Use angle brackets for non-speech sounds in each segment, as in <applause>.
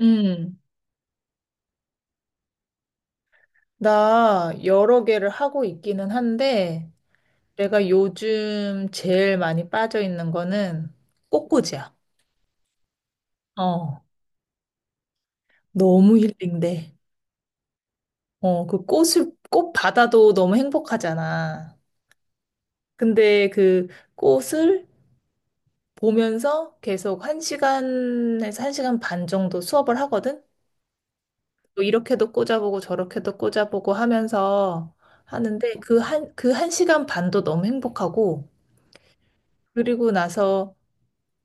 음, 나 여러 개를 하고 있기는 한데, 내가 요즘 제일 많이 빠져 있는 거는 꽃꽂이야. 어, 너무 힐링돼. 어, 그 꽃 받아도 너무 행복하잖아. 근데 그 꽃을 보면서 계속 한시간에서한시간반 정도 수업을 하거든? 또 이렇게도 꽂아보고 저렇게도 꽂아보고 하면서 하는데 그 한시간 반도 너무 행복하고, 그리고 나서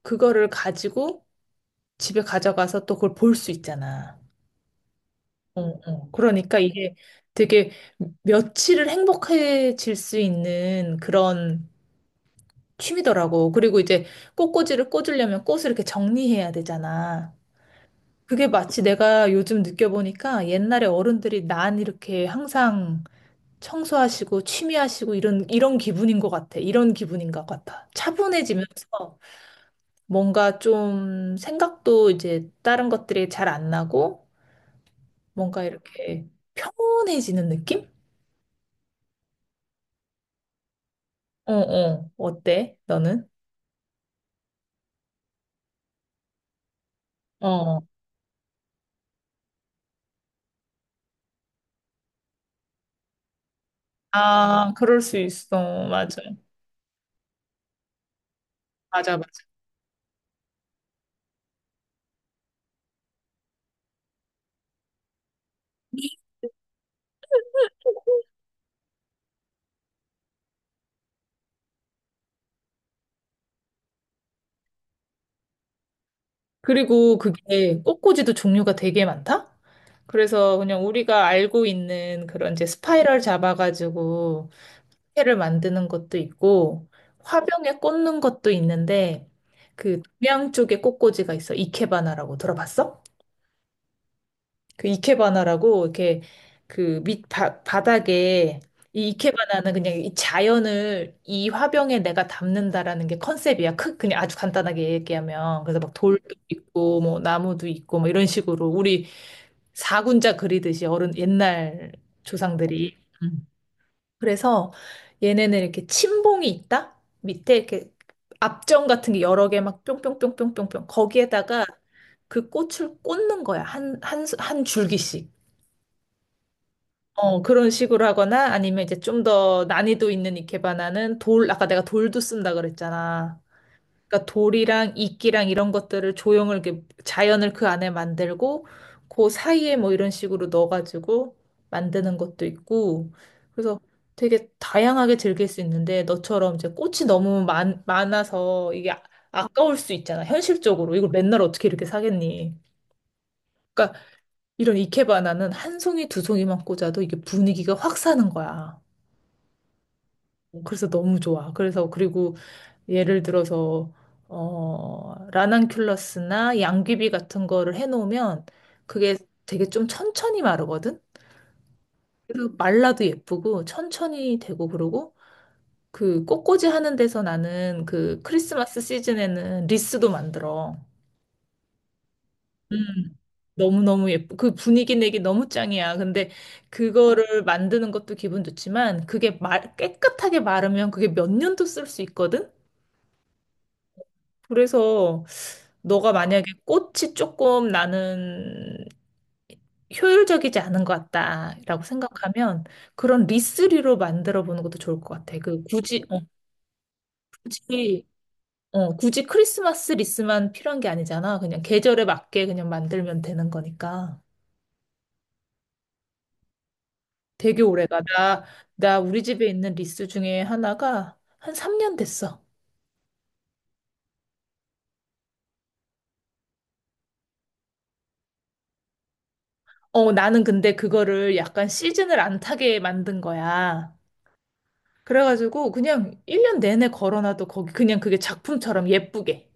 그거를 가지고 집에 가져가서 또 그걸 볼 수 있잖아. 어, 어. 그러니까 이게 되게 며칠을 행복해질 수 있는 그런 취미더라고. 그리고 이제 꽃꽂이를 꽂으려면 꽃을 이렇게 정리해야 되잖아. 그게 마치 내가 요즘 느껴보니까 옛날에 어른들이 난 이렇게 항상 청소하시고 취미하시고 이런 기분인 것 같아. 이런 기분인 것 같아. 차분해지면서 뭔가 좀 생각도 이제 다른 것들이 잘 안 나고 뭔가 이렇게 평온해지는 느낌? 어, 어. 어때? 너는? 어. 아, 그럴 수 있어. 맞아. 맞아, 맞아. 그리고 그게 꽃꽂이도 종류가 되게 많다? 그래서 그냥 우리가 알고 있는 그런 이제 스파이럴 잡아가지고 회를 만드는 것도 있고 화병에 꽂는 것도 있는데 그 동양 쪽에 꽃꽂이가 있어. 이케바나라고 들어봤어? 그 이케바나라고 이렇게 그 밑 바닥에 이 이케바나는 그냥 이 자연을 이 화병에 내가 담는다라는 게 컨셉이야. 크 그냥 아주 간단하게 얘기하면 그래서 막 돌도 있고 뭐 나무도 있고 뭐 이런 식으로 우리 사군자 그리듯이 어른 옛날 조상들이 음. 그래서 얘네는 이렇게 침봉이 있다 밑에 이렇게 압정 같은 게 여러 개 막 뿅뿅뿅뿅뿅뿅 거기에다가 그 꽃을 꽂는 거야 한 한 줄기씩. 어, 그런 식으로 하거나 아니면 이제 좀 더 난이도 있는 이케바나는 돌, 아까 내가 돌도 쓴다 그랬잖아. 그러니까 돌이랑 이끼랑 이런 것들을 조형을 이렇게 자연을 그 안에 만들고 그 사이에 뭐 이런 식으로 넣어가지고 만드는 것도 있고 그래서 되게 다양하게 즐길 수 있는데 너처럼 이제 꽃이 너무 많아서 이게 아까울 수 있잖아. 현실적으로 이걸 맨날 어떻게 이렇게 사겠니? 그러니까 이런 이케바나는 한 송이 두 송이만 꽂아도 이게 분위기가 확 사는 거야. 어, 그래서 너무 좋아. 그래서 그리고 예를 들어서 라난큘러스나 양귀비 같은 거를 해놓으면 그게 되게 좀 천천히 마르거든. 그리고 말라도 예쁘고 천천히 되고 그러고 그 꽃꽂이 하는 데서 나는 그 크리스마스 시즌에는 리스도 만들어. 음. 너무너무 예쁘. 그 분위기 내기 너무 짱이야. 근데 그거를 만드는 것도 기분 좋지만 그게 말, 깨끗하게 마르면 그게 몇 년도 쓸 수 있거든? 그래서 너가 만약에 꽃이 조금 나는 효율적이지 않은 것 같다라고 생각하면 그런 리스리로 만들어 보는 것도 좋을 것 같아. 굳이 굳이 크리스마스 리스만 필요한 게 아니잖아. 그냥 계절에 맞게 그냥 만들면 되는 거니까. 되게 오래가. 나 우리 집에 있는 리스 중에 하나가 한 3년 됐어. 어, 나는 근데 그거를 약간 시즌을 안 타게 만든 거야. 그래가지고 그냥 1년 내내 걸어놔도 거기 그냥 그게 작품처럼 예쁘게.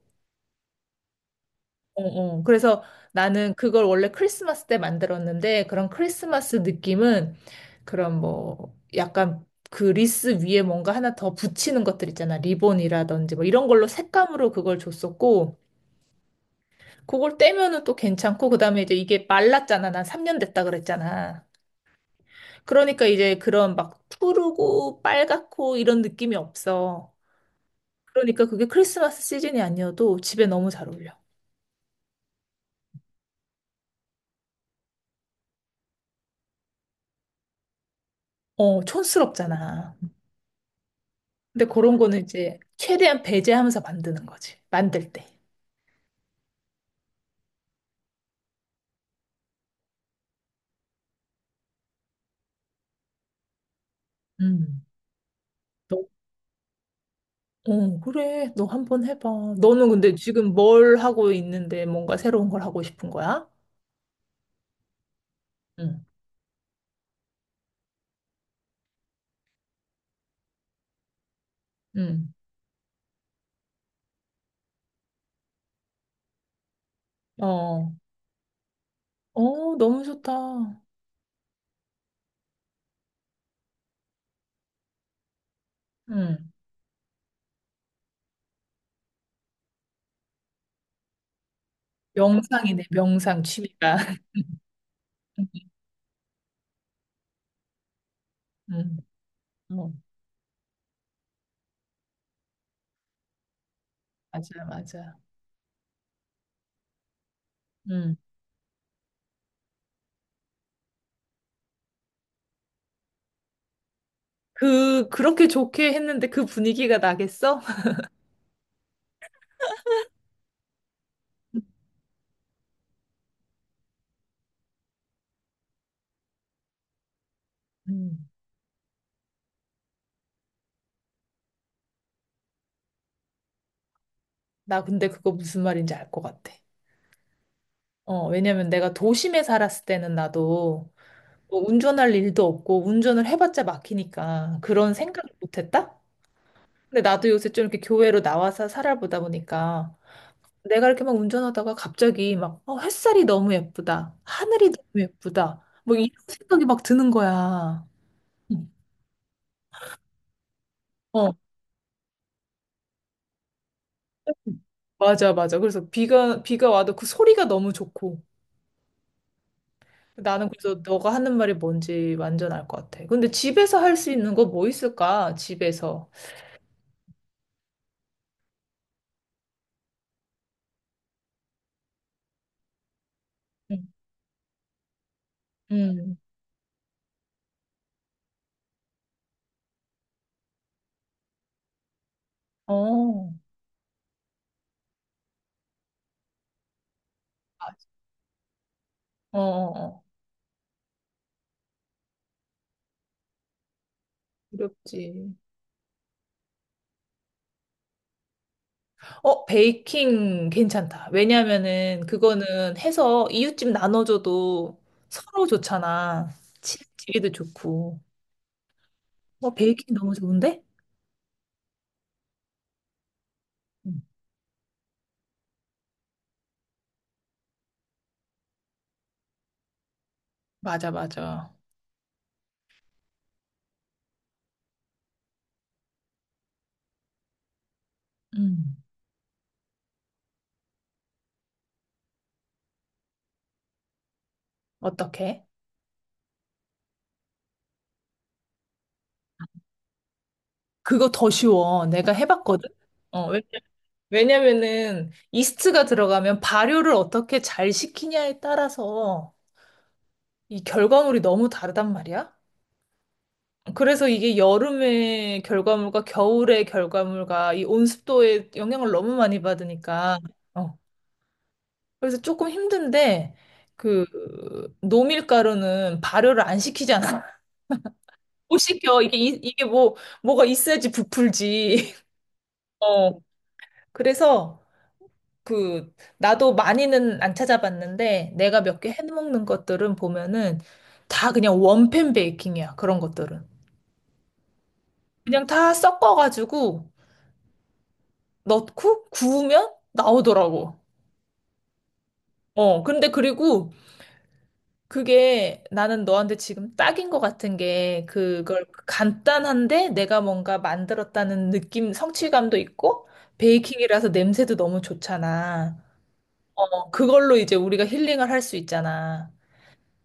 어, 어. 그래서 나는 그걸 원래 크리스마스 때 만들었는데 그런 크리스마스 느낌은 그런 뭐 약간 그 리스 위에 뭔가 하나 더 붙이는 것들 있잖아. 리본이라든지 뭐 이런 걸로 색감으로 그걸 줬었고 그걸 떼면은 또 괜찮고 그다음에 이제 이게 말랐잖아. 난 3년 됐다 그랬잖아. 그러니까 이제 그런 막 푸르고 빨갛고 이런 느낌이 없어. 그러니까 그게 크리스마스 시즌이 아니어도 집에 너무 잘 어울려. 어, 촌스럽잖아. 근데 그런 거는 이제 최대한 배제하면서 만드는 거지. 만들 때. 음. 너, 어, 그래. 너 한번 해봐. 너는 근데 지금 뭘 하고 있는데 뭔가 새로운 걸 하고 싶은 거야? 응. 응. 어. 어, 너무 좋다. 응. 명상이네, 명상 취미가. <laughs> 응. 어, 맞아, 맞아. 응. 그렇게 좋게 했는데 그 분위기가 나겠어? <laughs> 음. 나 근데 그거 무슨 말인지 알 것 같아. 어, 왜냐면 내가 도심에 살았을 때는 나도 뭐 운전할 일도 없고 운전을 해봤자 막히니까 그런 생각을 못 했다? 근데 나도 요새 좀 이렇게 교외로 나와서 살아보다 보니까 내가 이렇게 막 운전하다가 갑자기 막 어, 햇살이 너무 예쁘다. 하늘이 너무 예쁘다. 뭐 이런 생각이 막 드는 거야. 응. 어, 맞아, 맞아. 그래서 비가 와도 그 소리가 너무 좋고. 나는 그래서 너가 하는 말이 뭔지 완전 알 것 같아. 근데 집에서 할 수 있는 거 뭐 있을까? 집에서. 음, 음. 어, 맞아. 어, 어, 어. 어렵지. 어, 베이킹 괜찮다. 왜냐면은 그거는 해서 이웃집 나눠줘도 서로 좋잖아. 집에도 좋고. 어, 베이킹 너무 좋은데? 음. 맞아, 맞아. 음. 어떻게? 그거 더 쉬워. 내가 해봤거든? 어, 왜? 왜냐면은 이스트가 들어가면 발효를 어떻게 잘 시키냐에 따라서 이 결과물이 너무 다르단 말이야. 그래서 이게 여름의 결과물과 겨울의 결과물과 이 온습도에 영향을 너무 많이 받으니까 어. 그래서 조금 힘든데 그 노밀가루는 발효를 안 시키잖아. <laughs> 못 시켜. 이게 뭐가 있어야지 부풀지. <laughs> 어. 그래서 그 나도 많이는 안 찾아봤는데 내가 몇 개 해먹는 것들은 보면은 다 그냥 원팬 베이킹이야. 그런 것들은. 그냥 다 섞어가지고 넣고 구우면 나오더라고. 어, 근데 그리고 그게 나는 너한테 지금 딱인 것 같은 게 그걸 간단한데 내가 뭔가 만들었다는 느낌, 성취감도 있고 베이킹이라서 냄새도 너무 좋잖아. 어, 그걸로 이제 우리가 힐링을 할 수 있잖아.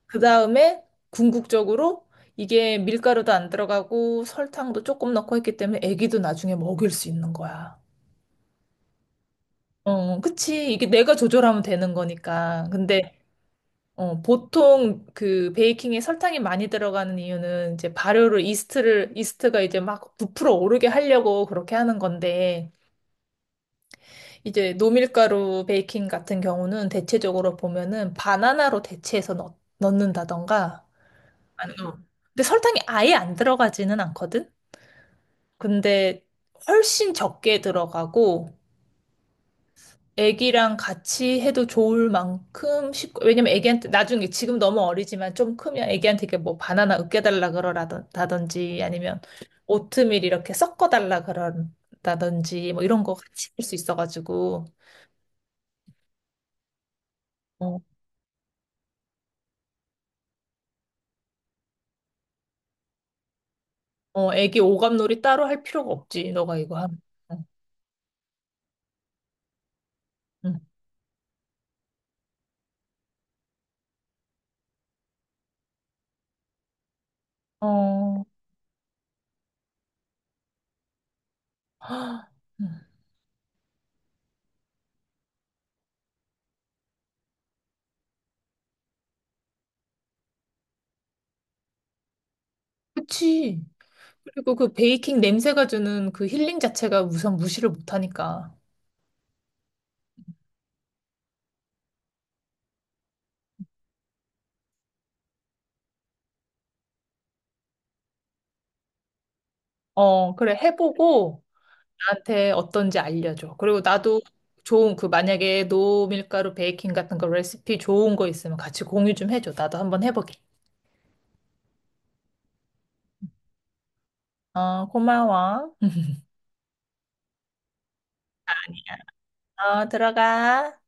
그 다음에 궁극적으로 이게 밀가루도 안 들어가고 설탕도 조금 넣고 했기 때문에 애기도 나중에 먹일 수 있는 거야. 어, 그치. 이게 내가 조절하면 되는 거니까. 근데 어, 보통 그 베이킹에 설탕이 많이 들어가는 이유는 이제 발효를 이스트를 이스트가 이제 막 부풀어 오르게 하려고 그렇게 하는 건데 이제 노밀가루 베이킹 같은 경우는 대체적으로 보면은 바나나로 대체해서 넣는다던가 아니, 어. 근데 설탕이 아예 안 들어가지는 않거든? 근데 훨씬 적게 들어가고, 애기랑 같이 해도 좋을 만큼 쉽고, 왜냐면 애기한테, 나중에 지금 너무 어리지만 좀 크면 애기한테 이렇게 뭐 바나나 으깨달라 그러라든지, 아니면 오트밀 이렇게 섞어달라 그런다든지, 뭐 이런 거 같이 할 수 있어가지고, 어, 어, 애기 오감놀이 따로 할 필요가 없지, 너가 이거 하면. 응. 응. 어, <gasps> 헉, 응. 그치. 그리고 그 베이킹 냄새가 주는 그 힐링 자체가 우선 무시를 못하니까. 어, 그래, 해보고 나한테 어떤지 알려줘. 그리고 나도 좋은 그 만약에 노밀가루 베이킹 같은 거 레시피 좋은 거 있으면 같이 공유 좀 해줘. 나도 한번 해보게. 어, 고마워. <laughs> 어, 들어가.